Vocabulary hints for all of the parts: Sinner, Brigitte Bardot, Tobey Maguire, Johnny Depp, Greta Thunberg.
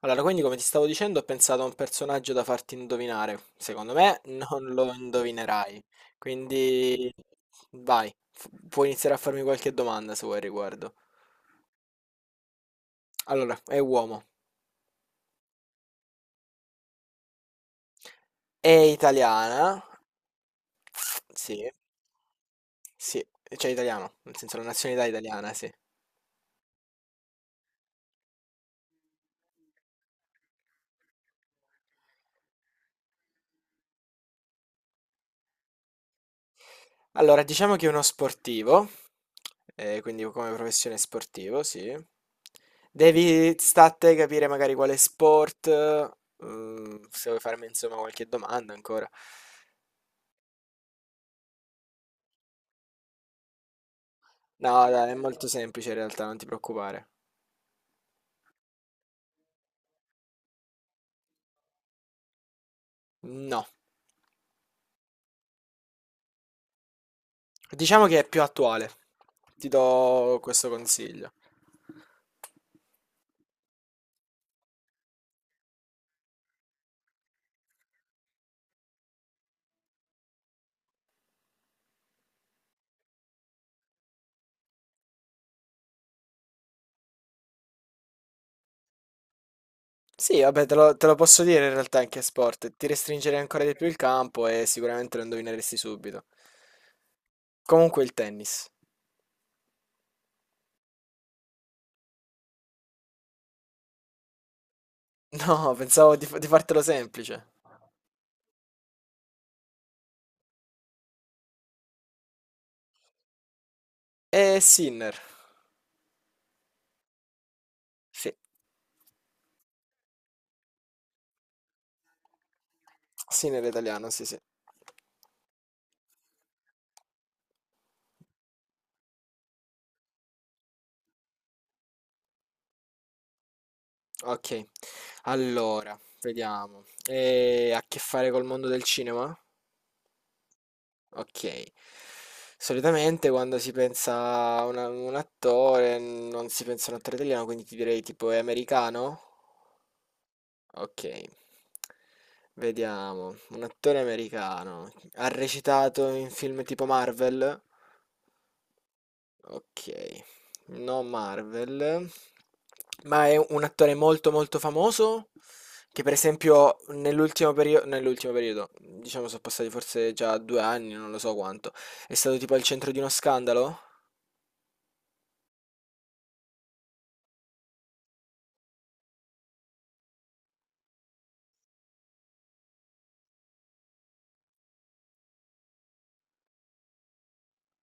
Allora, quindi come ti stavo dicendo, ho pensato a un personaggio da farti indovinare. Secondo me non lo indovinerai. Quindi vai, puoi iniziare a farmi qualche domanda se vuoi al riguardo. Allora, è uomo. È italiana? Sì, sì, cioè italiano, nel senso la nazionalità italiana, sì. Allora, diciamo che è uno sportivo, quindi come professione sportivo, sì. Devi sta a te capire magari quale sport, se vuoi farmi insomma qualche domanda ancora. No, dai, è molto semplice in realtà, non ti preoccupare. No, diciamo che è più attuale. Ti do questo consiglio. Sì, vabbè, te lo posso dire in realtà anche sport. Ti restringerei ancora di più il campo e sicuramente lo indovineresti subito. Comunque il tennis. No, pensavo di fartelo semplice. È Sinner. Sì. Sinner è italiano, sì, sì. Ok. Allora, vediamo. Ha a che fare col mondo del cinema? Ok. Solitamente quando si pensa a un attore, non si pensa a un attore italiano, quindi ti direi tipo è americano? Ok. Vediamo. Un attore americano. Ha recitato in film tipo Marvel? Ok, no Marvel, ma è un attore molto molto famoso che per esempio nell'ultimo periodo, diciamo sono passati forse già due anni, non lo so quanto, è stato tipo al centro di uno scandalo?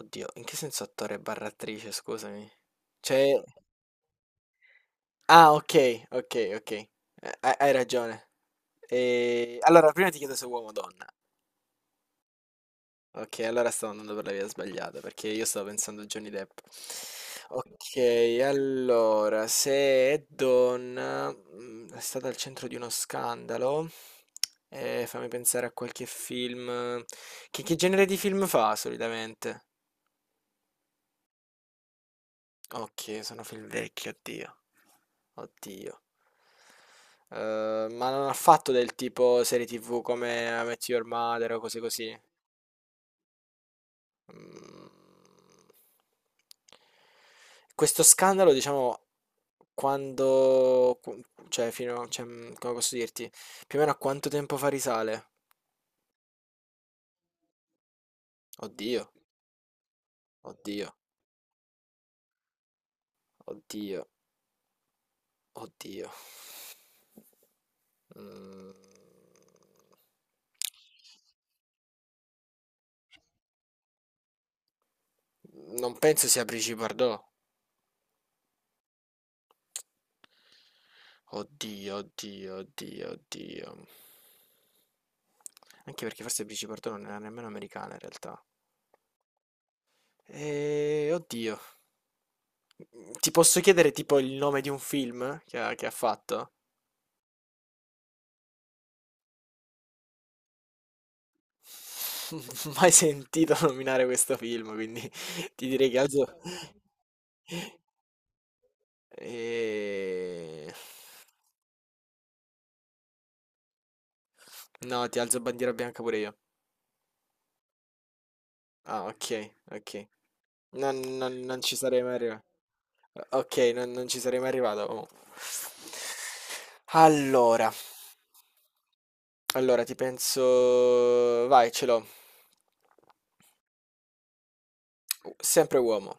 Oddio, in che senso attore barra attrice, scusami? Cioè... Ah, ok, ok, ok, hai ragione. E... Allora, prima ti chiedo se è uomo o donna. Ok, allora stavo andando per la via sbagliata perché io stavo pensando a Johnny Depp. Ok, allora, se è donna, è stata al centro di uno scandalo, fammi pensare a qualche film. Che genere di film fa solitamente? Ok, sono film vecchi, oddio. Oddio. Ma non ha fatto del tipo serie TV come I Met Your Mother o cose così? Mhmm, questo scandalo, diciamo, quando qu cioè fino a cioè, mhmm, come posso dirti, più o meno a quanto tempo fa risale? Oddio, oddio, oddio, oddio. Mhmm, non penso sia Brigitte Bardot. Oddio, oddio, oddio, oddio. Anche perché forse Brigitte Bardot non era nemmeno americana in realtà. Oddio. Ti posso chiedere tipo il nome di un film che ha fatto? Mai sentito nominare questo film, quindi ti direi che alzo... Eh, no, ti alzo bandiera bianca pure io. Ah, ok, ok. Non ci sarei mai arrivato. Ok, non ci sarei mai arrivato. Oh. Allora, allora ti penso... Vai, ce l'ho. Sempre uomo,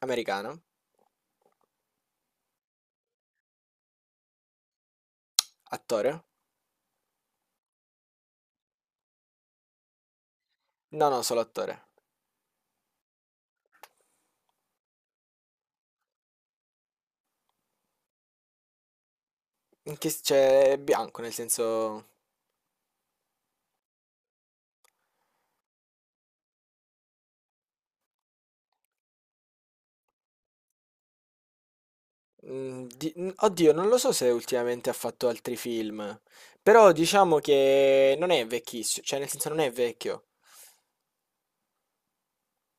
americano, attore. No, no, solo attore. Cioè, è bianco, nel senso... oddio, non lo so se ultimamente ha fatto altri film, però diciamo che non è vecchissimo, cioè nel senso non è vecchio.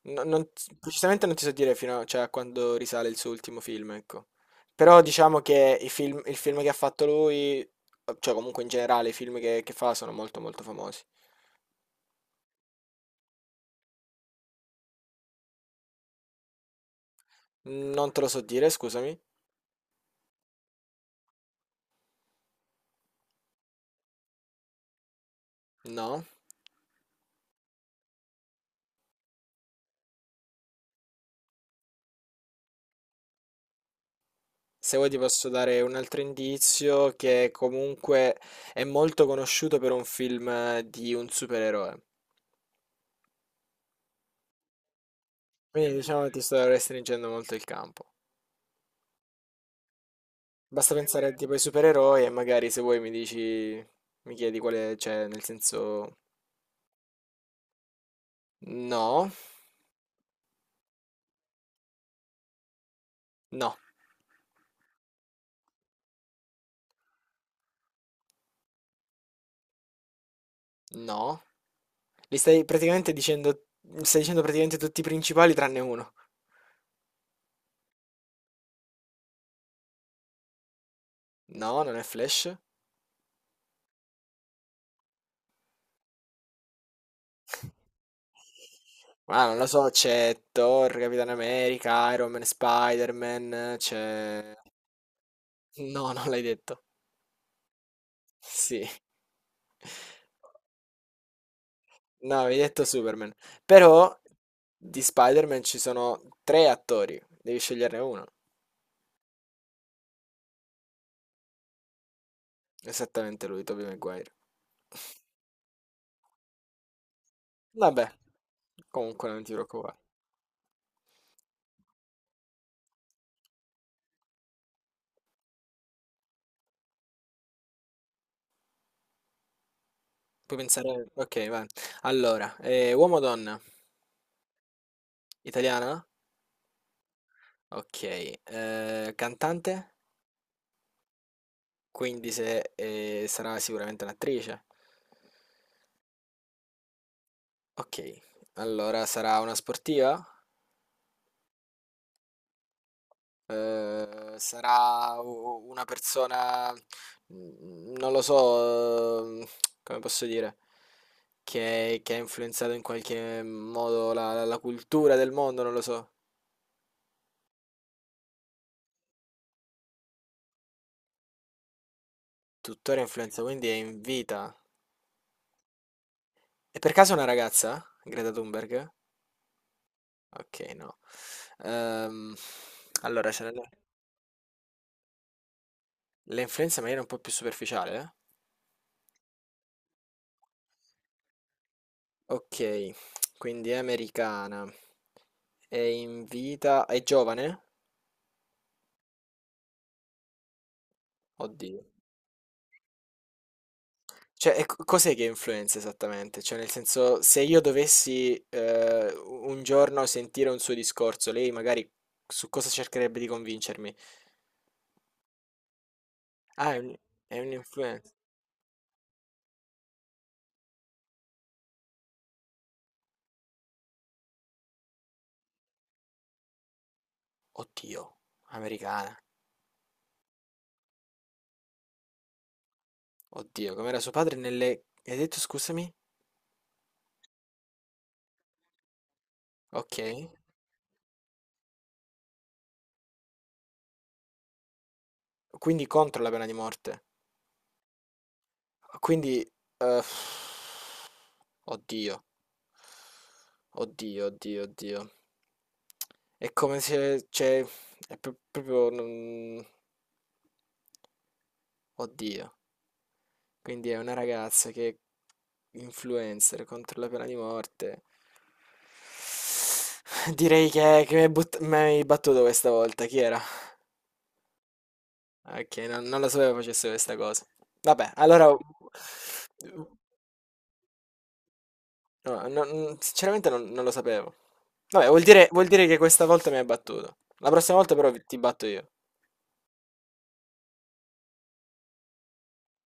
No- non- precisamente non ti so dire fino a, cioè, a quando risale il suo ultimo film, ecco. Però diciamo che il film che ha fatto lui, cioè comunque in generale i film che fa sono molto molto famosi. Non te lo so dire, scusami. No. Se vuoi ti posso dare un altro indizio che comunque è molto conosciuto per un film di un supereroe. Quindi diciamo che ti sto restringendo molto il campo. Basta pensare a tipo ai supereroi e magari se vuoi mi dici, mi chiedi quale c'è, nel senso no, no, no. Li stai praticamente dicendo, stai dicendo praticamente tutti i principali tranne uno. No, non è Flash. Ah, non lo so, c'è Thor, Capitan America, Iron Man, Spider-Man, c'è... No, non l'hai detto. Sì. No, avevi detto Superman. Però di Spider-Man ci sono tre attori. Devi sceglierne uno. Esattamente lui, Tobey Maguire. Vabbè, comunque non ti preoccupare. Puoi pensare... Ok, va. Allora, uomo o donna? Italiana? Ok. Cantante? Quindi se, sarà sicuramente un'attrice. Ok. Allora, sarà una sportiva? Una persona, non lo so, come posso dire, che ha influenzato in qualche modo la cultura del mondo, non lo so. Tuttora influenza, quindi è in vita. E per caso è una ragazza? Greta Thunberg? Ok, no. Ehm, allora, la influenza in maniera un po' più superficiale, eh? Ok, quindi è americana. È in vita. È giovane? Oddio. Cioè, cos'è che influenza esattamente? Cioè, nel senso, se io dovessi un giorno sentire un suo discorso, lei magari su cosa cercherebbe di convincermi? Ah, è un- è un'influenza. Oddio, americana. Oddio, com'era suo padre nelle... Hai detto, scusami? Ok. Quindi contro la pena di morte. Quindi... eh, oddio, oddio, oddio, oddio. È come se... Cioè, proprio... non- Oddio, quindi è una ragazza che influencer contro la pena di morte. Direi che mi hai battuto questa volta, chi era? Ok, non lo sapevo facesse questa cosa. Vabbè, allora... no, sinceramente non lo sapevo. Vabbè, vuol dire che questa volta mi hai battuto. La prossima volta però ti batto io.